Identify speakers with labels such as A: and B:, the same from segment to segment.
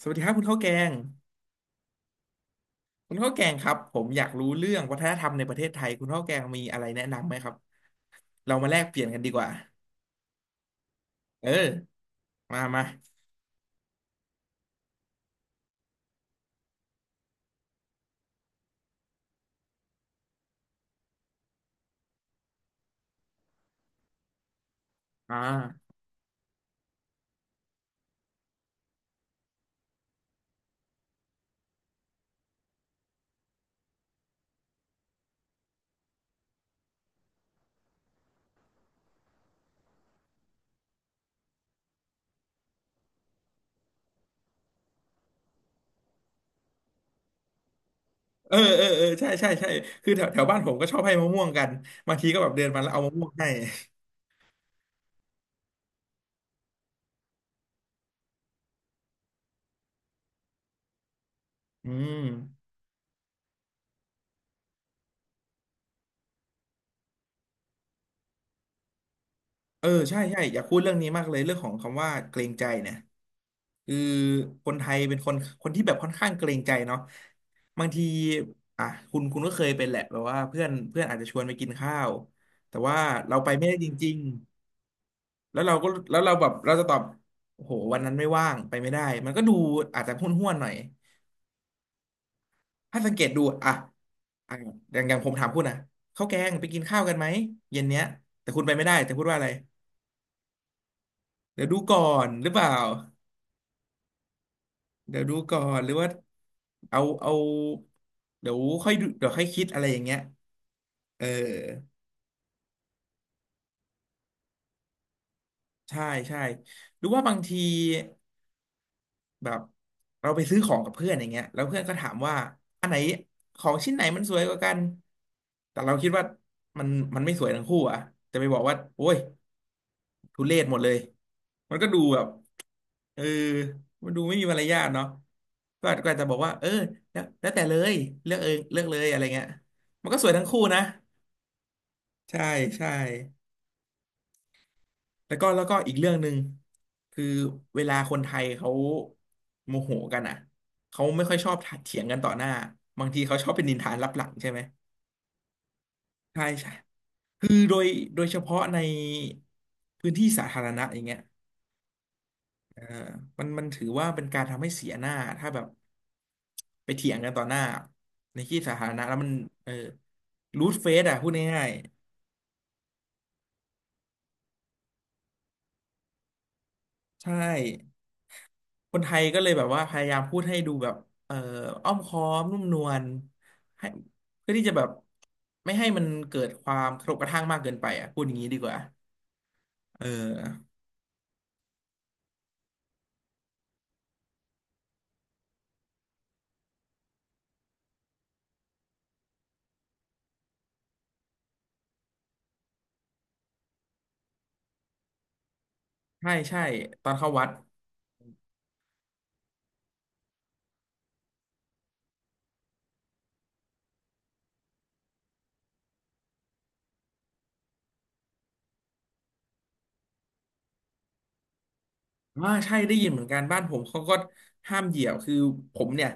A: สวัสดีครับคุณข้าวแกงคุณข้าวแกงครับผมอยากรู้เรื่องวัฒนธรรมในประเทศไทยคุณข้าวแกงมีอะไรแนะนำไหมครับเรามาแลกเปลี่ยนกันดีกว่าเออมามาอ่าเออเออเออใช่ใช่ใช่คือแถวแถวบ้านผมก็ชอบให้มะม่วงกันบางทีก็แบบเดินมาแล้วเอามะม่วงให้อืมเออใช่ใช่อยากพูดเรื่องนี้มากเลยเรื่องของคำว่าเกรงใจเนี่ยคือคนไทยเป็นคนที่แบบค่อนข้างเกรงใจเนาะ บางทีอ่ะคุณก็เคยเป็นแหละแบบว่าเพื่อนเพื่อนอาจจะชวนไปกินข้าวแต่ว่าเราไปไม่ได้จริงๆแล้วเราก็แล้วเราแบบเราจะตอบโอ้โหวันนั้นไม่ว่างไปไม่ได้มันก็ดูอาจจะห้วนๆหน่อยถ้าสังเกตดูอ่ะอ่ะอย่างผมถามคุณนะข้าวแกงไปกินข้าวกันไหมเย็นเนี้ยแต่คุณไปไม่ได้แต่พูดว่าอะไรเดี๋ยวดูก่อนหรือเปล่าเดี๋ยวดูก่อนหรือว่าเอาเดี๋ยวค่อยดูเดี๋ยวค่อยคิดอะไรอย่างเงี้ยเออ ใช่ใช่หรือว่าบางทีแบบเราไปซื้อของกับเพื่อนอย่างเงี้ยแล้วเพื่อนก็ถามว่าอันไหนของชิ้นไหนมันสวยกว่ากันแต่เราคิดว่ามันมันไม่สวยทั้งคู่อ่ะจะไปบอกว่าโอ้ยทุเรศหมดเลยมันก็ดูแบบเออมันดูไม่มีมารยาทเนาะก็อาจจะบอกว่าเออแล้วแต่เลยเลือกเองเลือกเลยอะไรเงี้ยมันก็สวยทั้งคู่นะใช่ใช่ แล้วก็อีกเรื่องหนึ่งคือเวลาคนไทยเขาโมโหกันอ่ะเขาไม่ค่อยชอบเถียงกันต่อหน้าบางทีเขาชอบเป็นนินทานลับหลังใช่ไหมใช่ใช่คือโดยเฉพาะในพื้นที่สาธารณะอย่างเงี้ยเออมันถือว่าเป็นการทำให้เสียหน้าถ้าแบบไปเถียงกันต่อหน้าในที่สาธารณะแล้วมันเออรูดเฟซอ่ะพูดง่ายๆใช่ คนไทยก็เลยแบบว่าพยายามพูดให้ดูแบบเอ่ออ้อมค้อมนุ่มนวลให้เพื่อที่จะแบบไม่ให้มันเกิดความกระทบกระทั่งมากเกินไปอ่ะพูดอย่างนี้ดีกว่าเออใช่ใช่ตอนเข้าวัดว่าใช่ได้ยินเหมือนกันบ้านผมเขาก็ห้ามเหยียวคือผมเนี่ย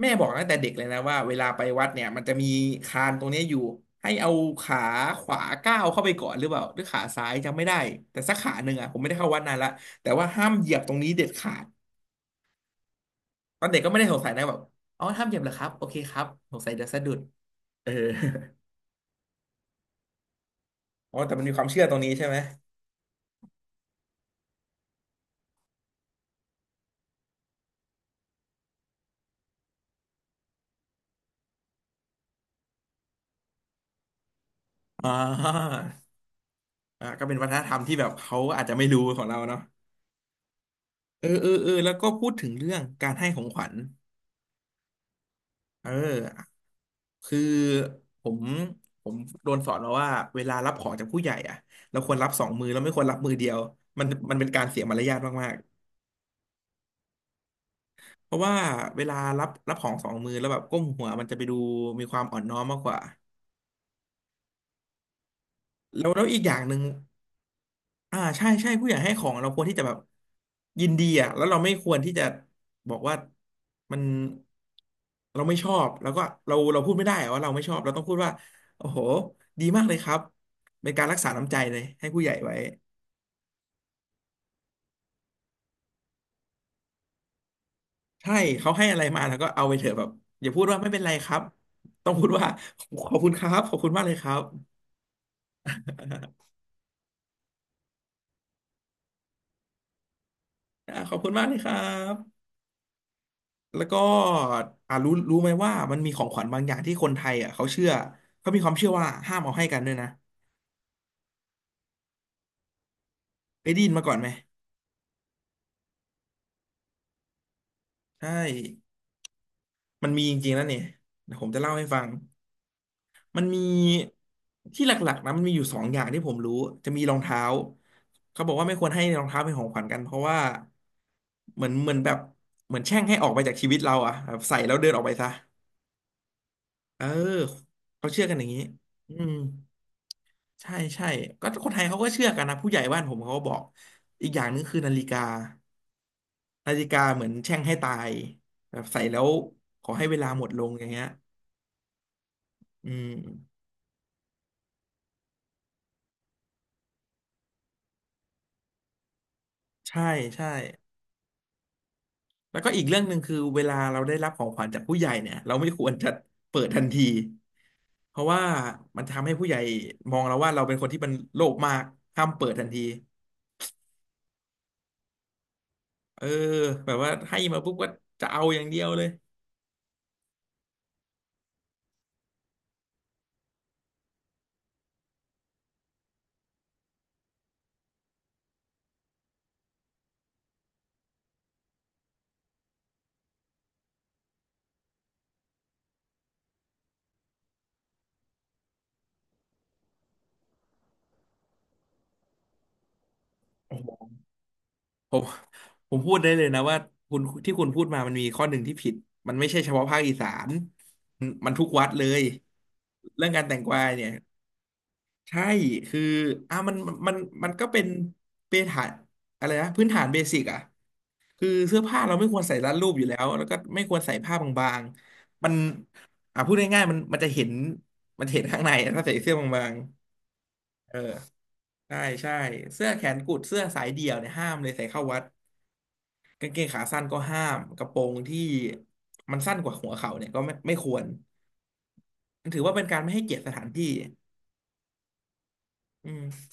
A: แม่บอกตั้งแต่เด็กเลยนะว่าเวลาไปวัดเนี่ยมันจะมีคานตรงเนี้ยอยู่ให้เอาขาขวาก้าวเข้าไปก่อนหรือเปล่าหรือขาซ้ายจำไม่ได้แต่สักขาหนึ่งอ่ะผมไม่ได้เข้าวัดนานละแต่ว่าห้ามเหยียบตรงนี้เด็ดขาด ตอนเด็กก็ไม่ได้สงสัยนะแบบอ๋อห้ามเหยียบเหรอครับโอเคครับสงสัยเดียวสะดุดเออ อ๋อแต่มันมีความเชื่อตรงนี้ใช่ไหมอ่าก็เป็นวัฒนธรรมที่แบบเขาอาจจะไม่รู้ของเราเนาะเออเออเออแล้วก็พูดถึงเรื่องการให้ของขวัญเออคือผมผมโดนสอนมาว่าเวลารับของจากผู้ใหญ่อะเราควรรับสองมือเราไม่ควรรับมือเดียวมันเป็นการเสียมารยาทมากๆเพราะว่าเวลารับของสองมือแล้วแบบก้มหัวมันจะไปดูมีความอ่อนน้อมมากกว่า แล้วอีกอย่างหนึ่งอ่าใช่ใช่ผู้ใหญ่ให้ของเราควรที่จะแบบยินดีอ่ะแล้วเราไม่ควรที่จะบอกว่ามันเราไม่ชอบแล้วก็เราพูดไม่ได้อะว่าเราไม่ชอบเราต้องพูดว่าโอ้โหดีมากเลยครับเป็นการรักษาน้ำใจเลยให้ผู้ใหญ่ไว้ใช่เขาให้อะไรมาแล้วก็เอาไปเถอะแบบอย่าพูดว่าไม่เป็นไรครับต้องพูดว่าขอบคุณครับขอบคุณมากเลยครับอ่าขอบคุณมากเลยครับ แล้วก็อ่ารู้ไหมว่ามันมีของขวัญบางอย่างที่คนไทยอ่ะเขาเชื่อเขามีความเชื่อว่าห้ามเอาให้กันด้วยนะเคยได้ยินมาก่อนไหมใช่มันมีจริงๆแล้วเนี่ยเดี๋ยวผมจะเล่าให้ฟังมันมีที่หลักๆนะมันมีอยู่สองอย่างที่ผมรู้จะมีรองเท้าเขาบอกว่าไม่ควรให้รองเท้าเป็นของขวัญกันเพราะว่าเหมือนแบบเหมือนแช่งให้ออกไปจากชีวิตเราอ่ะแบบใส่แล้วเดินออกไปซะเออเขาเชื่อกันอย่างนี้อืม ใช่ใช่ก็คนไทยเขาก็เชื่อกันนะผู้ใหญ่บ้านผมเขาก็บอกอีกอย่างหนึงคือนาฬิกาเหมือนแช่งให้ตายแบบใส่แล้วขอให้เวลาหมดลงอย่างเงี้ยอืมใช่ใช่แล้วก็อีกเรื่องหนึ่งคือเวลาเราได้รับของขวัญจากผู้ใหญ่เนี่ยเราไม่ควรจะเปิดทันทีเพราะว่ามันทำให้ผู้ใหญ่มองเราว่าเราเป็นคนที่มันโลภมากห้ามเปิดทันทีเออแบบว่าให้มาปุ๊บก็จะเอาอย่างเดียวเลยโอ้โห ผมผมพูดได้เลยนะว่าคุณที่คุณพูดมามันมีข้อหนึ่งที่ผิดมันไม่ใช่เฉพาะภาคอีสานมันทุกวัดเลยเรื่องการแต่งกวายเนี่ยใช่คืออ่ะมันมันก็เป็นเบฐานอะไรนะพื้นฐานเบสิกอ่ะคือเสื้อผ้าเราไม่ควรใส่รัดรูปอยู่แล้วแล้วก็ไม่ควรใส่ผ้าบางๆมันอ่ะพูดง่ายๆมันจะเห็นมันเห็นข้างในอะถ้าใส่เสื้อบางๆเออใช่ใช่เสื้อแขนกุดเสื้อสายเดี่ยวเนี่ยห้ามเลยใส่เข้าวัด กางเกงขาสั้นก็ห้ามกระโปรงที่มันสั้นกว่าหัวเข่าเนี่ยก็ไม่ควรมันถือว่าเป็นการไม่ให้เกียรติสถานที่อืม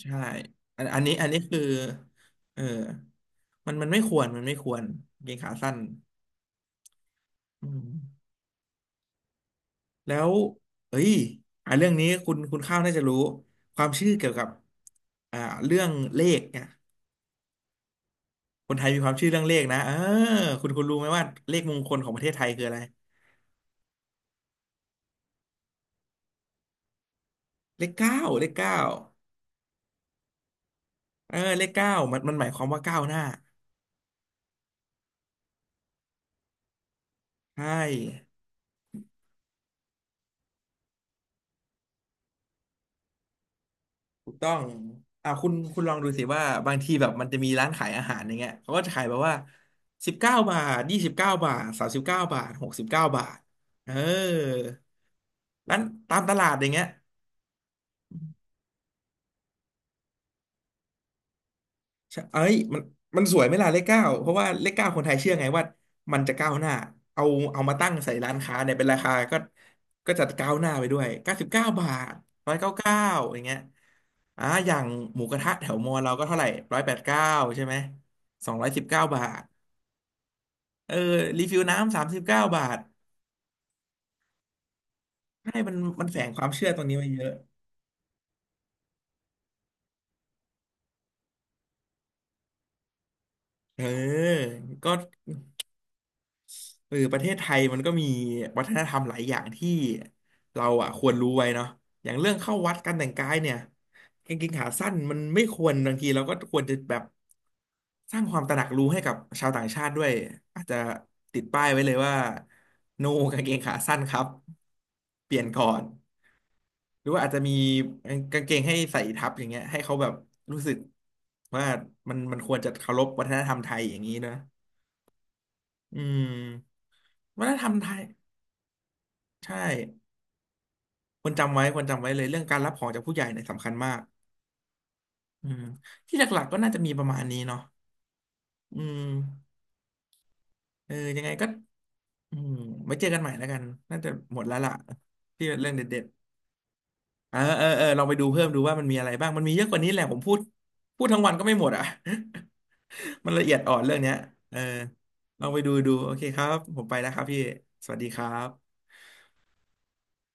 A: ใช่อันนี้คือเออมันไม่ควรกางเกงขาสั้นอืมแล้วเอ้ยอ่ะเรื่องนี้คุณข้าวน่าจะรู้ความเชื่อเกี่ยวกับอ่าเรื่องเลขเนี่ยคนไทยมีความเชื่อเรื่องเลขนะเออคุณรู้ไหมว่าเลขมงคลของประเทศไทยคืออะไรเลขเก้าเลขเก้า เออเลขเก้ามันหมายความว่าก้าวหน้าใช่ถูกต้องอ่าคุณลองดูสิว่าบางทีแบบมันจะมีร้านขายอาหารอย่างเงี้ยเขาก็จะขายแบบว่าสิบเก้าบาท29 บาทสามสิบเก้าบาท69 บาทเออร้านตามตลาดอย่างเงี้ย ใช่เอ้ยมันสวยไหมล่ะเลขเก้าเพราะว่าเลขเก้าคนไทยเชื่อไงว่า มันจะก้าวหน้า เอาเอามาตั้งใส่ร้านค้าเนี่ยเป็นราคาก็จะก้าวหน้าไปด้วย99 บาท199อย่างเงี้ยอ่าอย่างหมูกระทะแถวมอเราก็เท่าไหร่189ใช่ไหม219 บาทเออรีฟิลน้ำสามสิบเก้าบาทให้มันแฝงความเชื่อตรงนี้ไว้เยอะเออก็ เออประเทศไทยมันก็มีวัฒนธรรมหลายอย่างที่เราอ่ะควรรู้ไว้เนาะอย่างเรื่องเข้าวัดการแต่งกายเนี่ยกางเกงขาสั้นมันไม่ควรบางทีเราก็ควรจะแบบสร้างความตระหนักรู้ให้กับชาวต่างชาติด้วยอาจจะติดป้ายไว้เลยว่า no กางเกงขาสั้นครับเปลี่ยนก่อนหรือว่าอาจจะมีกางเกงให้ใส่ทับอย่างเงี้ยให้เขาแบบรู้สึกว่ามันควรจะเคารพวัฒนธรรมไทยอย่างนี้นะอืมวัฒนธรรมไทยใช่ ควรจำไว้ควรจำไว้เลยเรื่องการรับของจากผู้ใหญ่เนี่ยสำคัญมากอืมที่หลักๆก็น่าจะมีประมาณนี้เนาะอืมเออยังไงก็อืมไว้เจอกันใหม่แล้วกันน่าจะหมดแล้วล่ะที่เรื่องเด็ดๆเออเออเออลองไปดูเพิ่มดูว่ามันมีอะไรบ้างมันมีเยอะกว่านี้แหละผมพูดทั้งวันก็ไม่หมดอ่ะ มันละเอียดอ่อนเรื่องเนี้ยเออลองไปดูดูโอเคครับผมไปแล้วครับพี่สวัสดีครับ